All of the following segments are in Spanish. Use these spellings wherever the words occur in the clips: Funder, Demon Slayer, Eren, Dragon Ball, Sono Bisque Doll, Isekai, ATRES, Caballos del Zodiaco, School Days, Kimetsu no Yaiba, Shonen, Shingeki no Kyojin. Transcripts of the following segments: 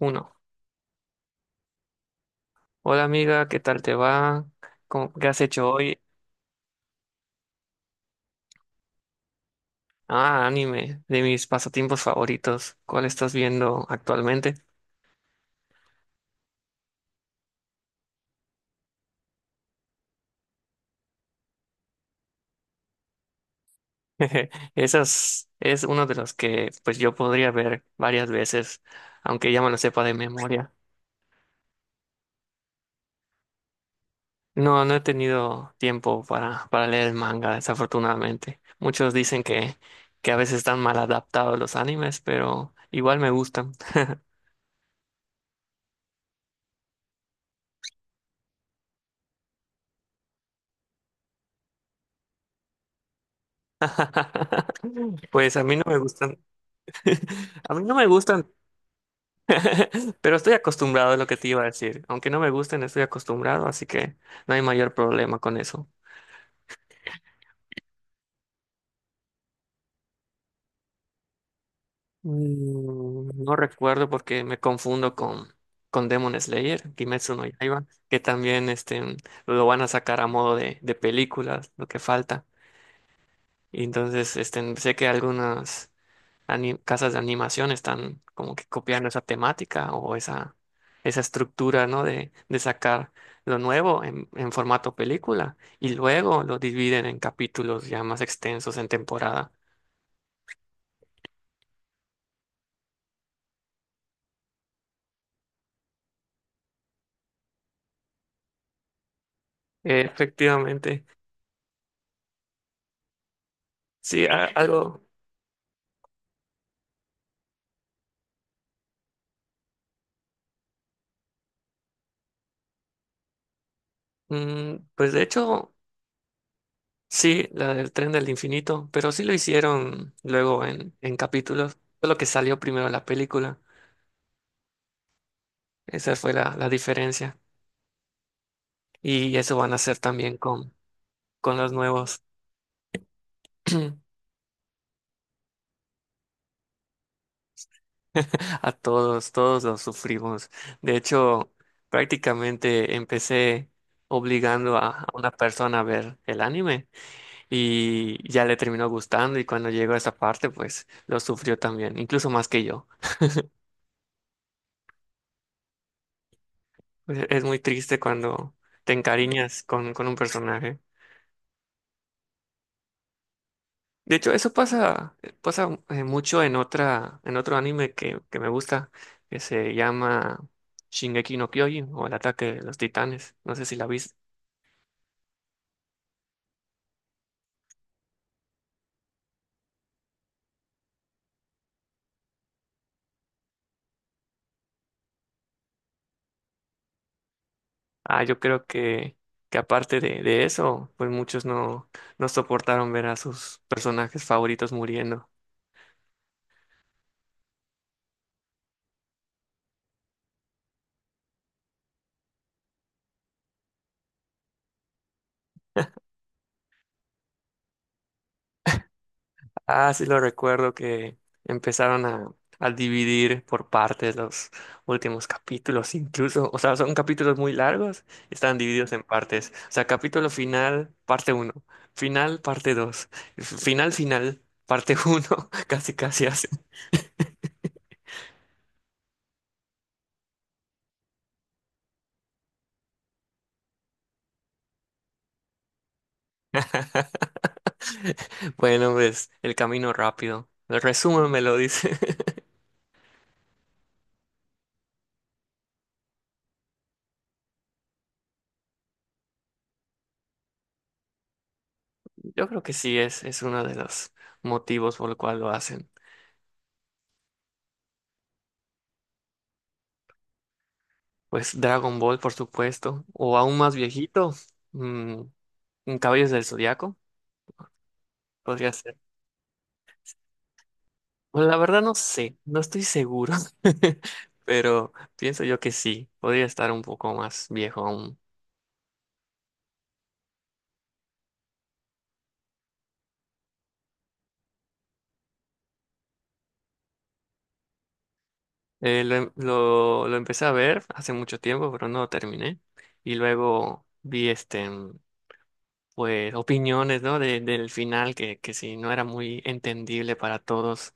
Uno. Hola amiga, ¿qué tal te va? ¿Qué has hecho hoy? Ah, anime, de mis pasatiempos favoritos. ¿Cuál estás viendo actualmente? Esas es uno de los que pues yo podría ver varias veces, aunque ya me lo sepa de memoria. No he tenido tiempo para leer el manga, desafortunadamente. Muchos dicen que a veces están mal adaptados los animes, pero igual me gustan. Pues a mí no me gustan. A mí no me gustan. Pero estoy acostumbrado a lo que te iba a decir. Aunque no me gusten, estoy acostumbrado, así que no hay mayor problema con eso. No recuerdo porque me confundo con Demon Slayer, Kimetsu no Yaiba, que también lo van a sacar a modo de películas, lo que falta. Y entonces este, sé que algunas. Casas de animación están como que copiando esa temática o esa estructura, ¿no? De sacar lo nuevo en formato película y luego lo dividen en capítulos ya más extensos en temporada. Efectivamente, sí, algo, pues de hecho, sí, la del tren del infinito, pero sí lo hicieron luego en capítulos, solo que salió primero la película, esa fue la diferencia, y eso van a hacer también con los nuevos. A todos, todos los sufrimos. De hecho, prácticamente empecé obligando a una persona a ver el anime y ya le terminó gustando y cuando llegó a esa parte, pues lo sufrió también, incluso más que yo. Pues, es muy triste cuando te encariñas con un personaje. De hecho, eso pasa, pasa mucho en en otro anime que me gusta, que se llama Shingeki no Kyojin o El ataque de los titanes. No sé si la viste. Ah, yo creo que aparte de eso, pues muchos no soportaron ver a sus personajes favoritos muriendo. Ah, sí lo recuerdo que empezaron a dividir por partes los últimos capítulos, incluso, o sea, son capítulos muy largos, están divididos en partes. O sea, capítulo final, parte uno, final, parte 2, final, final, parte uno, casi casi así. Bueno, pues el camino rápido. El resumen me lo dice. Yo creo que sí es uno de los motivos por el cual lo hacen. Pues Dragon Ball, por supuesto. O aún más viejito, mm, Caballos del Zodiaco, podría ser. Bueno, la verdad no sé, no estoy seguro. Pero pienso yo que sí, podría estar un poco más viejo aún. Lo empecé a ver hace mucho tiempo, pero no lo terminé. Y luego vi este. Pues opiniones, ¿no? Del final que sí no era muy entendible para todos,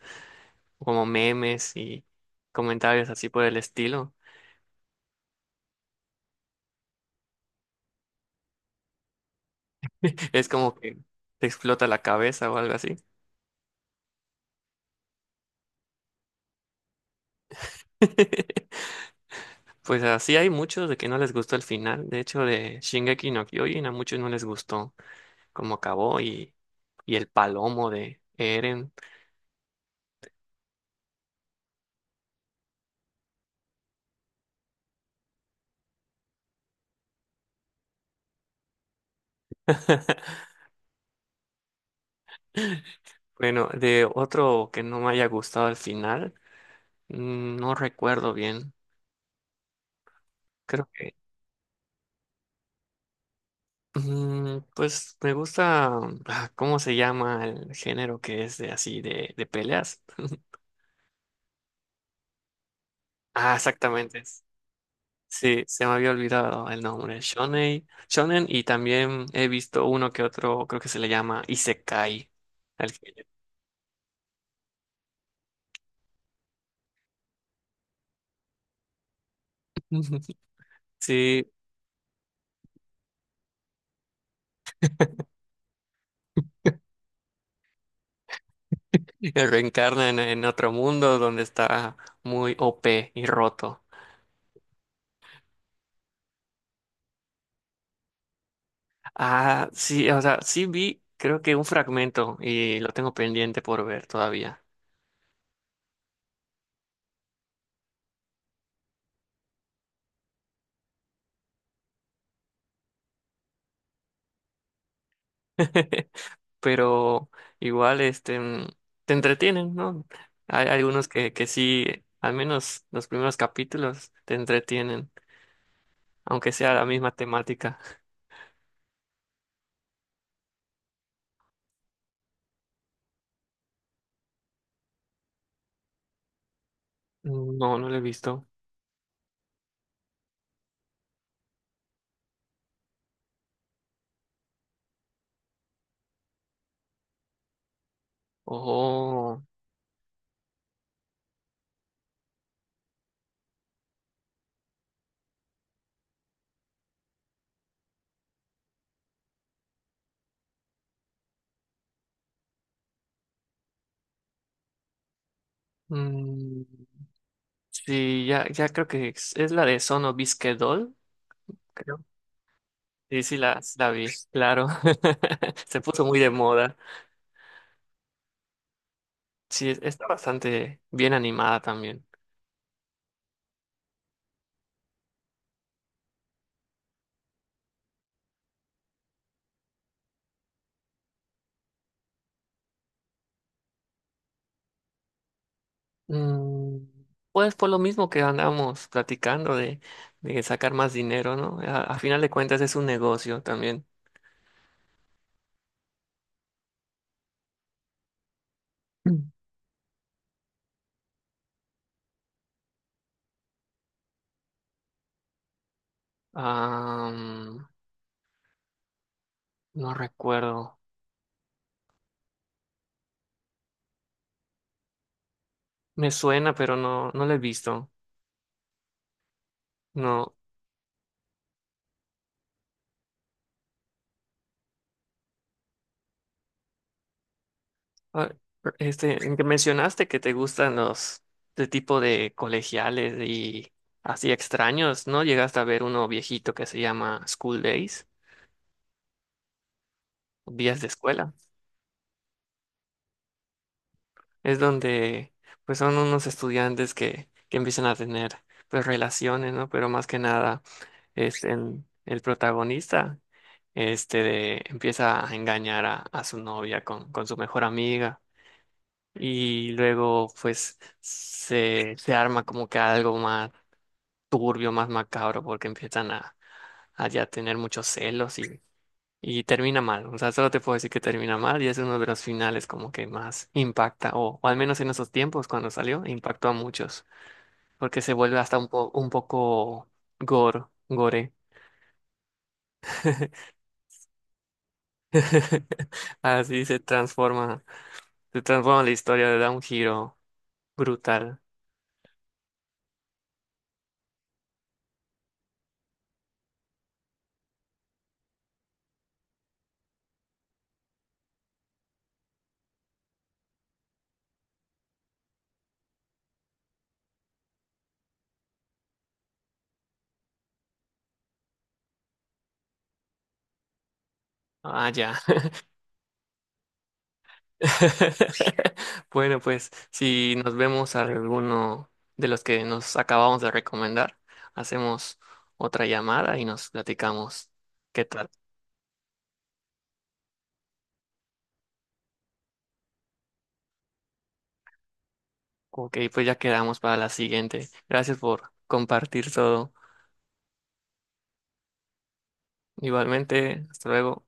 como memes y comentarios así por el estilo. Es como que te explota la cabeza o algo así. Pues así hay muchos de que no les gustó el final. De hecho, de Shingeki no Kyojin a muchos no les gustó cómo acabó y el palomo de Eren. Bueno, de otro que no me haya gustado el final, mm, no recuerdo bien. Creo que mm, pues me gusta, ah, ¿cómo se llama el género que es de así de peleas? Ah, exactamente. Sí, se me había olvidado el nombre. Shonen, Shonen y también he visto uno que otro, creo que se le llama Isekai. Al género. Sí, que reencarna en otro mundo donde está muy OP y roto. Ah, sí, o sea, sí vi, creo que un fragmento y lo tengo pendiente por ver todavía. Pero igual este te entretienen, ¿no? Hay algunos que sí, al menos los primeros capítulos te entretienen, aunque sea la misma temática. No, no lo he visto. Oh, mm, sí, ya, ya creo que es la de Sono Bisque Doll, creo. Sí, sí, la, sí la vi, claro. Se puso muy de moda. Sí, está bastante bien animada también. Mm, pues por lo mismo que andamos platicando de sacar más dinero, ¿no? A final de cuentas es un negocio también. Mm. Am, no recuerdo. Me suena, pero no, no lo he visto. No. Ah, este, en que mencionaste que te gustan los de tipo de colegiales y así extraños, ¿no? Llegaste a ver uno viejito que se llama School Days, días de escuela. Es donde pues son unos estudiantes que empiezan a tener pues relaciones, ¿no? Pero más que nada, el protagonista empieza a engañar a su novia con su mejor amiga y luego pues se arma como que algo más turbio, más macabro porque empiezan a ya tener muchos celos y termina mal, o sea, solo te puedo decir que termina mal y es uno de los finales como que más impacta, o al menos en esos tiempos cuando salió, impactó a muchos, porque se vuelve hasta un, un poco gore, gore. Así se transforma la historia, le da un giro brutal. Ah, ya. Bueno, pues si nos vemos a alguno de los que nos acabamos de recomendar, hacemos otra llamada y nos platicamos qué tal. Ok, pues ya quedamos para la siguiente. Gracias por compartir todo. Igualmente, hasta luego.